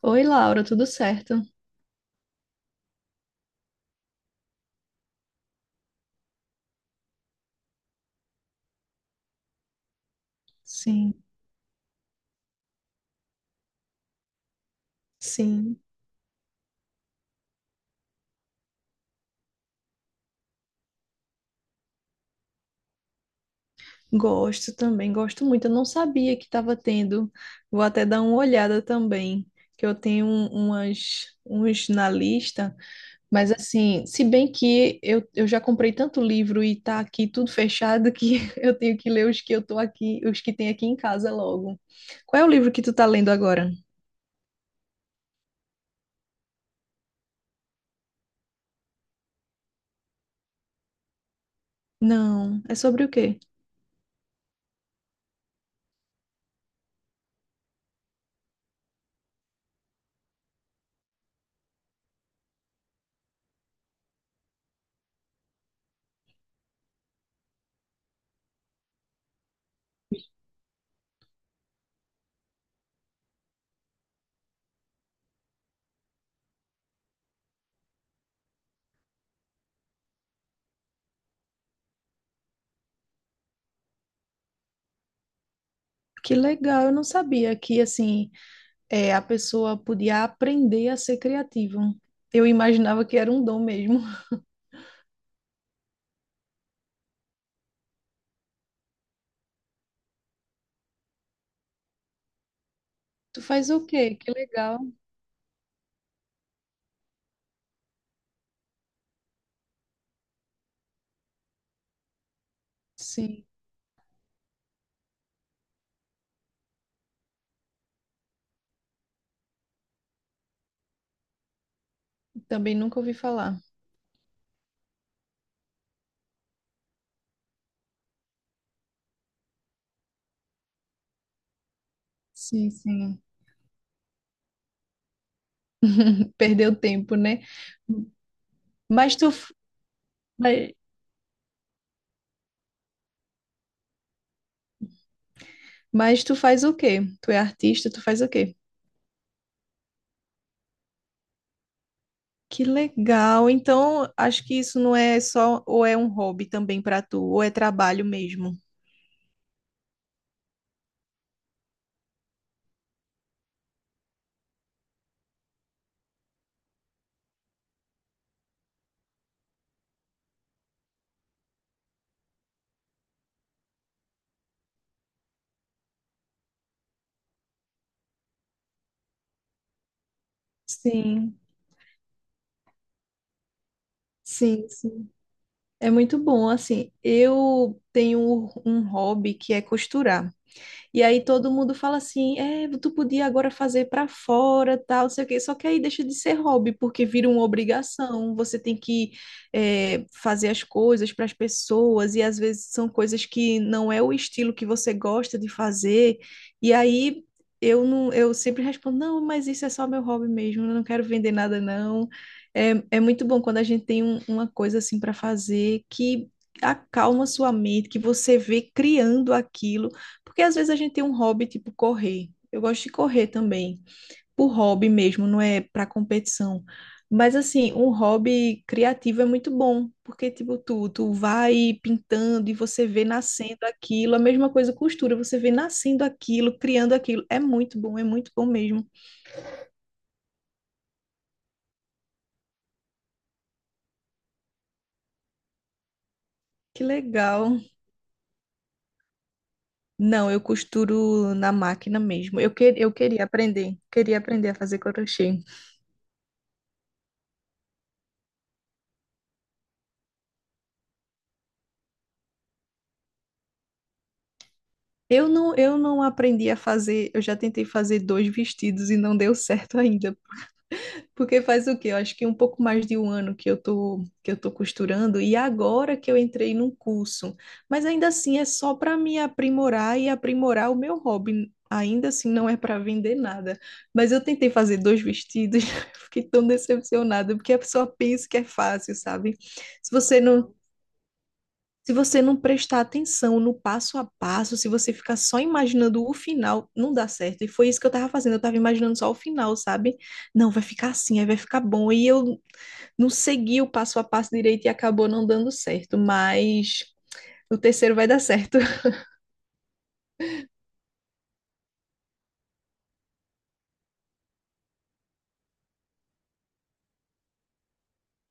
Oi, Laura, tudo certo? Sim, sim. Gosto também, gosto muito. Eu não sabia que estava tendo. Vou até dar uma olhada também, que umas, uns na lista. Mas assim, se bem que eu já comprei tanto livro e tá aqui tudo fechado que eu tenho que ler os que eu tô aqui, os que tem aqui em casa logo. Qual é o livro que tu tá lendo agora? Não, é sobre o quê? Que legal, eu não sabia que assim é, a pessoa podia aprender a ser criativa. Eu imaginava que era um dom mesmo. Tu faz o quê? Que legal. Sim, também nunca ouvi falar. Sim, sim. Perdeu tempo, né? Mas tu, mas, mas tu faz o quê? Tu é artista, tu faz o quê? Que legal. Então, acho que isso não é só, ou é um hobby também para tu, ou é trabalho mesmo. Sim, sim, sim. É muito bom, assim. Eu tenho um hobby que é costurar. E aí todo mundo fala assim, é, tu podia agora fazer para fora, tal, não sei o quê. Só que aí deixa de ser hobby, porque vira uma obrigação. Você tem que é, fazer as coisas para as pessoas, e às vezes são coisas que não é o estilo que você gosta de fazer. E aí eu não, eu sempre respondo, não, mas isso é só meu hobby mesmo, eu não quero vender nada, não. É, é muito bom quando a gente tem uma coisa assim para fazer que acalma sua mente, que você vê criando aquilo. Porque às vezes a gente tem um hobby tipo correr. Eu gosto de correr também, por hobby mesmo, não é para competição. Mas assim, um hobby criativo é muito bom, porque tipo tu vai pintando e você vê nascendo aquilo, a mesma coisa costura, você vê nascendo aquilo, criando aquilo. É muito bom mesmo. Que legal. Não, eu costuro na máquina mesmo. Eu queria aprender a fazer crochê. Eu não aprendi a fazer, eu já tentei fazer dois vestidos e não deu certo ainda. Porque faz o quê? Eu acho que um pouco mais de um ano que que eu tô costurando e agora que eu entrei num curso. Mas ainda assim é só para me aprimorar e aprimorar o meu hobby. Ainda assim não é para vender nada. Mas eu tentei fazer dois vestidos, fiquei tão decepcionada, porque a pessoa pensa que é fácil, sabe? Se você não se você não prestar atenção no passo a passo, se você ficar só imaginando o final, não dá certo. E foi isso que eu tava fazendo, eu tava imaginando só o final, sabe? Não, vai ficar assim, aí vai ficar bom. E eu não segui o passo a passo direito e acabou não dando certo, mas o terceiro vai dar certo.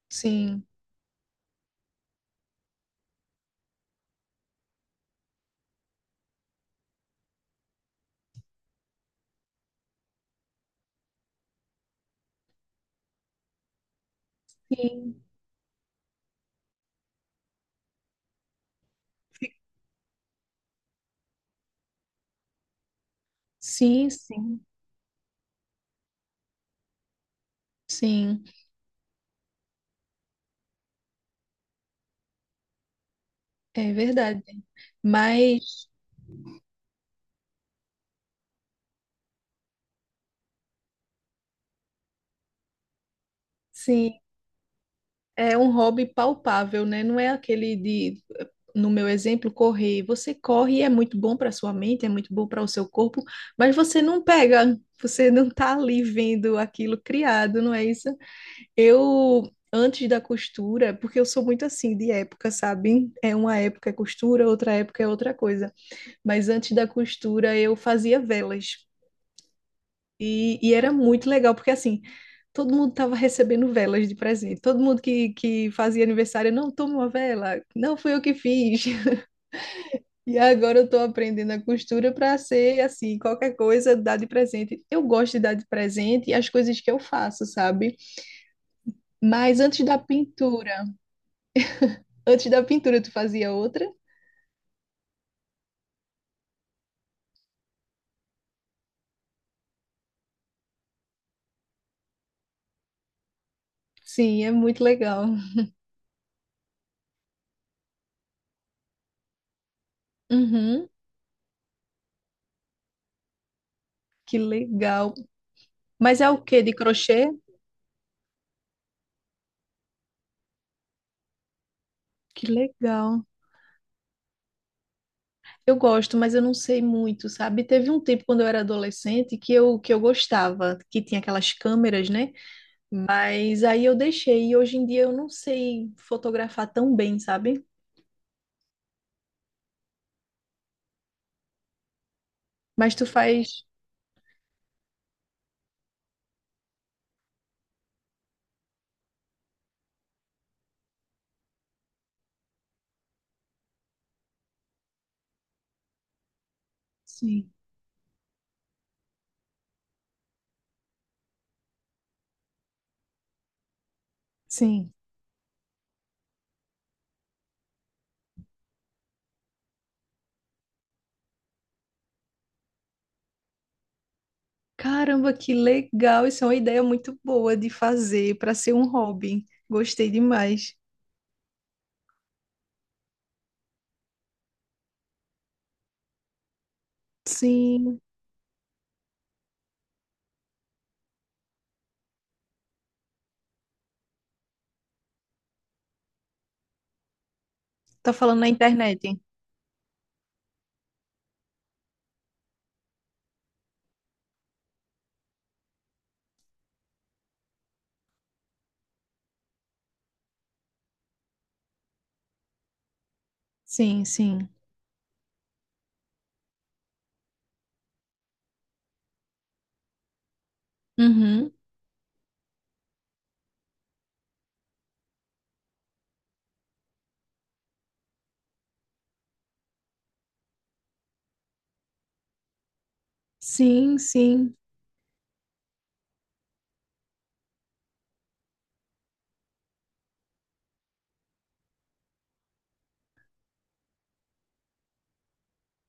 Sim, sim, sim, sim, sim, é verdade. Mas, sim. É um hobby palpável, né? Não é aquele de, no meu exemplo, correr. Você corre e é muito bom para sua mente, é muito bom para o seu corpo, mas você não pega, você não tá ali vendo aquilo criado, não é isso? Eu antes da costura, porque eu sou muito assim de época, sabe? É uma época é costura, outra época é outra coisa. Mas antes da costura eu fazia velas. E era muito legal, porque assim, todo mundo estava recebendo velas de presente. Todo mundo que fazia aniversário, não, toma uma vela, não fui eu que fiz. E agora eu estou aprendendo a costura para ser assim, qualquer coisa dar de presente. Eu gosto de dar de presente e as coisas que eu faço, sabe? Mas antes da pintura, antes da pintura tu fazia outra? Sim, é muito legal. Uhum, que legal. Mas é o quê? De crochê? Que legal. Eu gosto, mas eu não sei muito, sabe? Teve um tempo quando eu era adolescente que eu gostava, que tinha aquelas câmeras, né? Mas aí eu deixei e hoje em dia eu não sei fotografar tão bem, sabe? Mas tu faz. Sim, sim. Caramba, que legal! Isso é uma ideia muito boa de fazer para ser um hobby. Gostei demais. Sim, tá falando na internet. Sim, sim. Uhum. Sim, sim.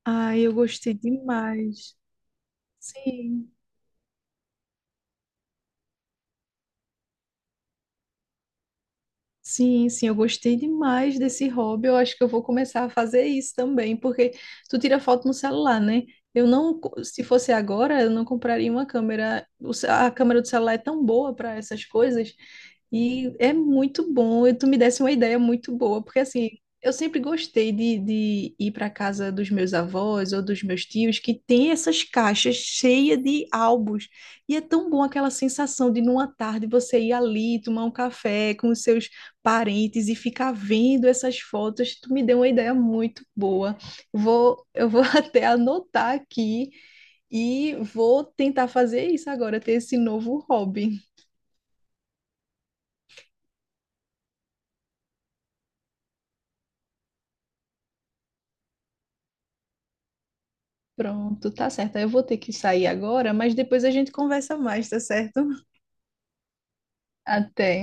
Ai, eu gostei demais. Sim. Sim, sim, eu gostei demais desse hobby. Eu acho que eu vou começar a fazer isso também, porque tu tira foto no celular, né? Eu não, co- se fosse agora, eu não compraria uma câmera. A câmera do celular é tão boa para essas coisas e é muito bom. E tu me desse uma ideia muito boa, porque assim, eu sempre gostei de ir para casa dos meus avós ou dos meus tios que tem essas caixas cheias de álbuns. E é tão bom aquela sensação de numa tarde você ir ali tomar um café com os seus parentes e ficar vendo essas fotos, tu me deu uma ideia muito boa. Eu vou até anotar aqui e vou tentar fazer isso agora, ter esse novo hobby. Pronto, tá certo. Eu vou ter que sair agora, mas depois a gente conversa mais, tá certo? Até.